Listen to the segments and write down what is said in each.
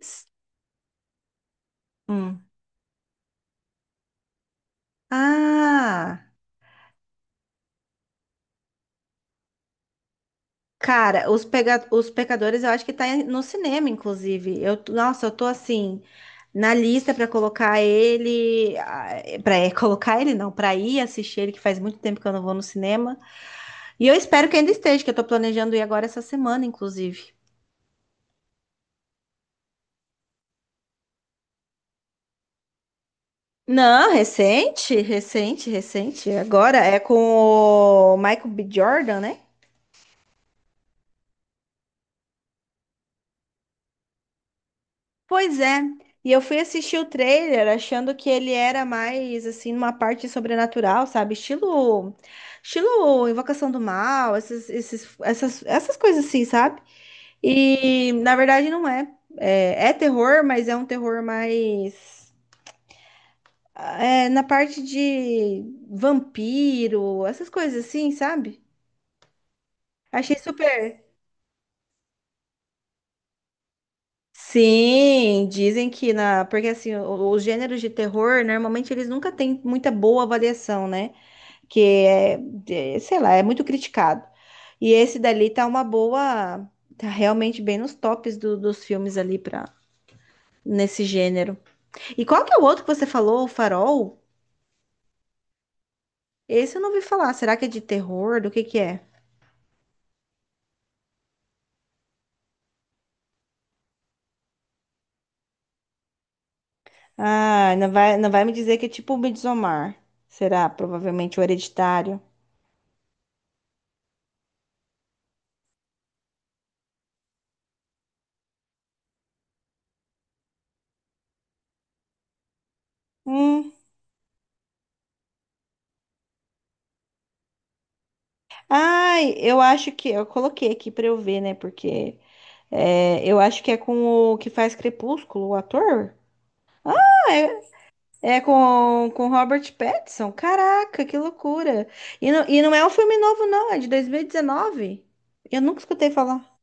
S- Hum. Ah, cara, os pecadores eu acho que tá no cinema, inclusive. Nossa, eu tô assim, na lista pra colocar ele. Pra colocar ele, não, pra ir assistir ele, que faz muito tempo que eu não vou no cinema. E eu espero que ainda esteja, que eu tô planejando ir agora essa semana, inclusive. Não, recente, recente, recente. Agora é com o Michael B. Jordan, né? Pois é. E eu fui assistir o trailer achando que ele era mais assim numa parte sobrenatural, sabe? Estilo, estilo Invocação do Mal, essas coisas assim, sabe? E na verdade não é. É terror, mas é um terror mais é, na parte de vampiro, essas coisas assim, sabe? Achei super. Sim, dizem que na. Porque assim, os gêneros de terror, normalmente eles nunca têm muita boa avaliação, né? que é, sei lá, é muito criticado. E esse dali tá uma boa, tá realmente bem nos tops dos filmes ali para nesse gênero. E qual que é o outro que você falou, o Farol? Esse eu não ouvi falar. Será que é de terror? Do que é? Ah, não vai me dizer que é tipo o Midsommar. Será? Provavelmente o Hereditário. Hum. Ai, eu acho que eu coloquei aqui pra eu ver, né? Porque é, eu acho que é com o que faz Crepúsculo, o ator. Ah, é com Robert Pattinson? Caraca, que loucura! E não é um filme novo, não, é de 2019. Eu nunca escutei falar.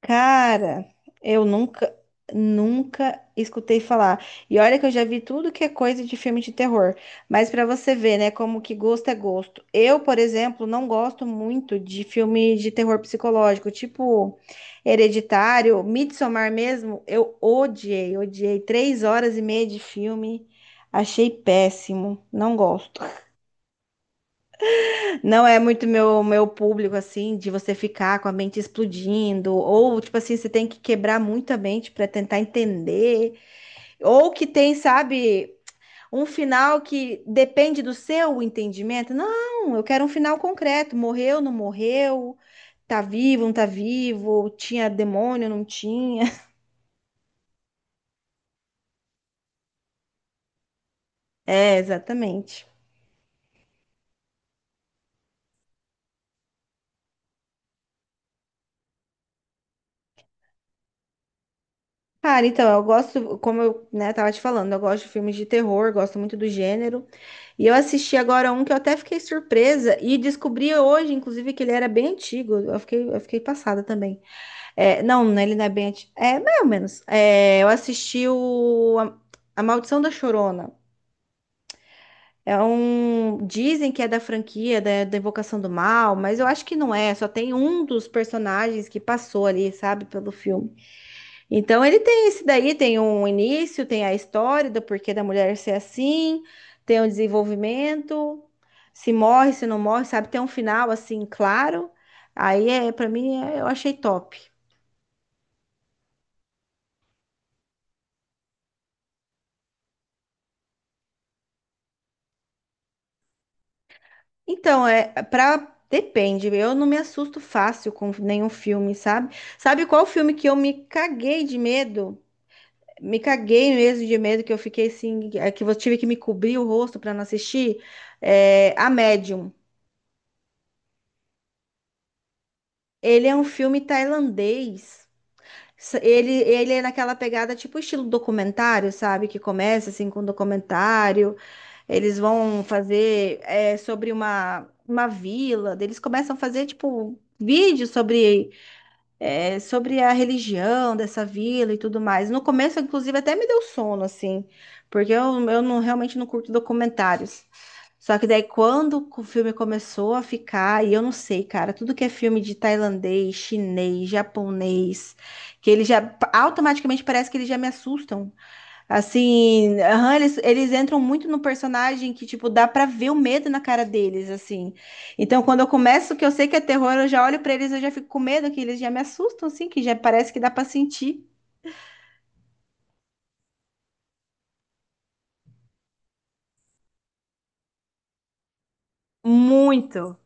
Cara, eu nunca, nunca escutei falar. E olha que eu já vi tudo que é coisa de filme de terror. Mas pra você ver, né, como que gosto é gosto. Eu, por exemplo, não gosto muito de filme de terror psicológico, tipo Hereditário, Midsommar mesmo. Eu odiei, odiei. Três horas e meia de filme, achei péssimo. Não gosto. Não é muito meu, meu público, assim, de você ficar com a mente explodindo, ou, tipo assim, você tem que quebrar muito a mente para tentar entender, ou que tem, sabe, um final que depende do seu entendimento. Não, eu quero um final concreto: morreu, não morreu, tá vivo, não tá vivo, tinha demônio, não tinha. É, exatamente. Cara, então, eu gosto, como eu, né, tava te falando, eu gosto de filmes de terror, gosto muito do gênero. E eu assisti agora um que eu até fiquei surpresa e descobri hoje, inclusive, que ele era bem antigo. Eu fiquei passada também. É, não, né, ele não é bem antigo. É, mais ou menos. É, eu assisti A Maldição da Chorona. É um. Dizem que é da franquia da Invocação do Mal, mas eu acho que não é. Só tem um dos personagens que passou ali, sabe, pelo filme. Então ele tem esse daí, tem um início, tem a história do porquê da mulher ser assim, tem um desenvolvimento, se morre, se não morre, sabe? Tem um final assim, claro. Aí é, para mim, eu achei top. Então, é para depende, eu não me assusto fácil com nenhum filme, sabe? Sabe qual filme que eu me caguei de medo? Me caguei mesmo de medo que eu fiquei assim, é, que eu tive que me cobrir o rosto para não assistir? É, A Médium. Ele é um filme tailandês. Ele, ele é naquela pegada tipo estilo documentário, sabe? Que começa assim com um documentário. Eles vão fazer é, sobre uma vila. Daí eles começam a fazer tipo vídeo sobre, é, sobre a religião dessa vila e tudo mais. No começo, inclusive, até me deu sono, assim, porque eu não, realmente não curto documentários. Só que daí quando o filme começou a ficar, e eu não sei, cara, tudo que é filme de tailandês, chinês, japonês, que eles já automaticamente parece que eles já me assustam. Assim, aham, eles entram muito no personagem que, tipo, dá pra ver o medo na cara deles, assim. Então, quando eu começo, que eu sei que é terror, eu já olho pra eles, eu já fico com medo, que eles já me assustam, assim, que já parece que dá pra sentir muito.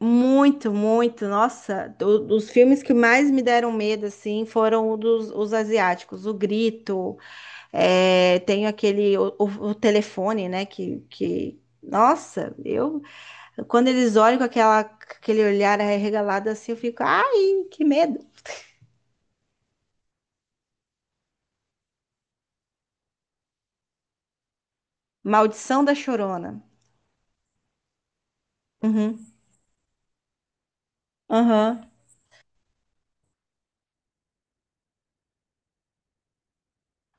Muito, muito. Nossa, dos filmes que mais me deram medo, assim, foram o dos, os asiáticos. O Grito, é, tem aquele, o telefone, né, que... Nossa, eu... Quando eles olham com aquela, com aquele olhar arregalado, assim, eu fico, ai, que medo. Maldição da Chorona. Uhum. Aham.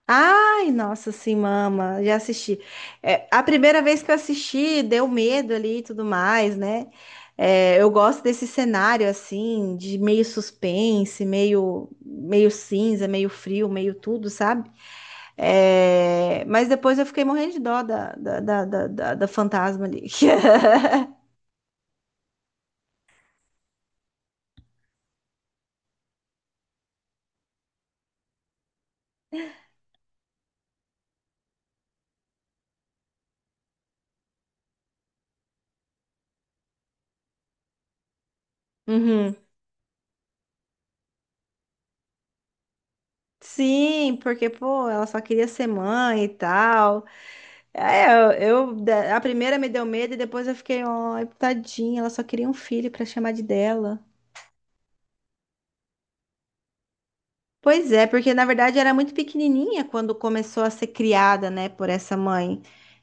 Ai, nossa, sim, mama, já assisti. É, a primeira vez que eu assisti, deu medo ali e tudo mais, né? É, eu gosto desse cenário, assim, de meio suspense, meio, meio cinza, meio frio, meio tudo, sabe? É, mas depois eu fiquei morrendo de dó da fantasma ali. Uhum. Sim, porque, pô, ela só queria ser mãe e tal. É, a primeira me deu medo e depois eu fiquei, ó, tadinha, ela só queria um filho pra chamar de dela. Pois é, porque na verdade era muito pequenininha quando começou a ser criada, né, por essa mãe.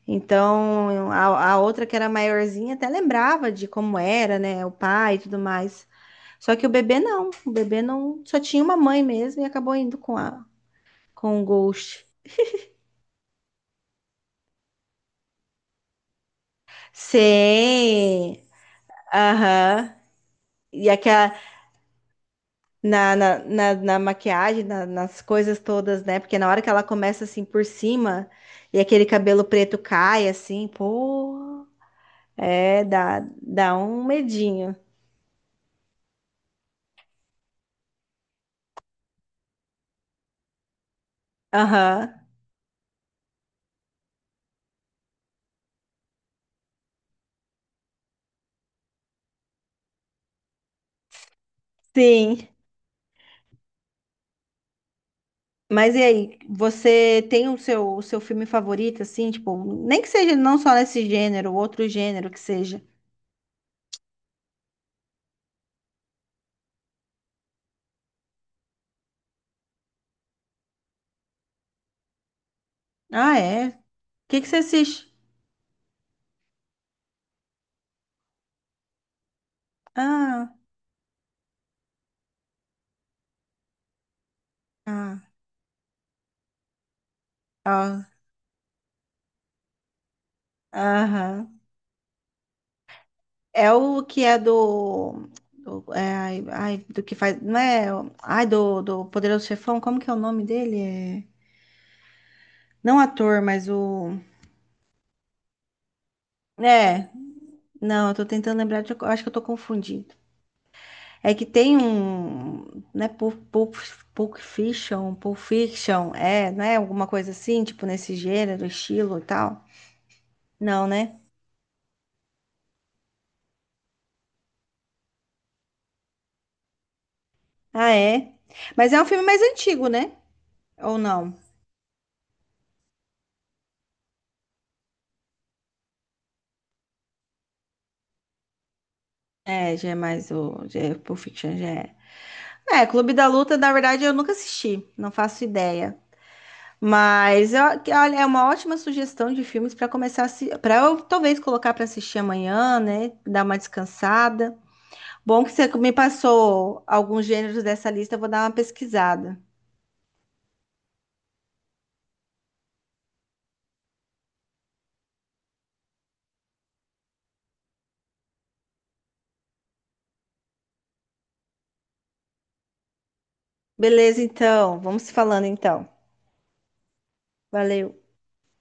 Então, a outra que era maiorzinha até lembrava de como era, né, o pai e tudo mais. Só que o bebê não, só tinha uma mãe mesmo e acabou indo com a com o Ghost. Sim. Aham. E aquela na maquiagem, nas coisas todas, né? Porque na hora que ela começa assim por cima e aquele cabelo preto cai assim, pô, é, dá, dá um medinho. Aham, sim. Mas e aí, você tem o seu filme favorito, assim, tipo, nem que seja não só nesse gênero, outro gênero que seja. Ah, é? O que que você assiste? Ah, ah, ah, aham. É o que é do. Do é, ai, ai, do que faz. Não é. Ai, do Poderoso Chefão, como que é o nome dele? É, não ator, mas o. É, não, eu tô tentando lembrar, eu acho que eu tô confundindo. É que tem um. Né, Pulp Fiction, Pulp Fiction, é, né? Alguma coisa assim, tipo nesse gênero, estilo e tal. Não, né? Ah, é. Mas é um filme mais antigo, né? Ou não? É, já é mais o. Já é, Pulp Fiction já é. É, Clube da Luta, na verdade, eu nunca assisti, não faço ideia. Olha, é uma ótima sugestão de filmes para começar a para eu talvez colocar para assistir amanhã, né? Dar uma descansada. Bom que você me passou alguns gêneros dessa lista, eu vou dar uma pesquisada. Beleza, então, vamos se falando então. Valeu.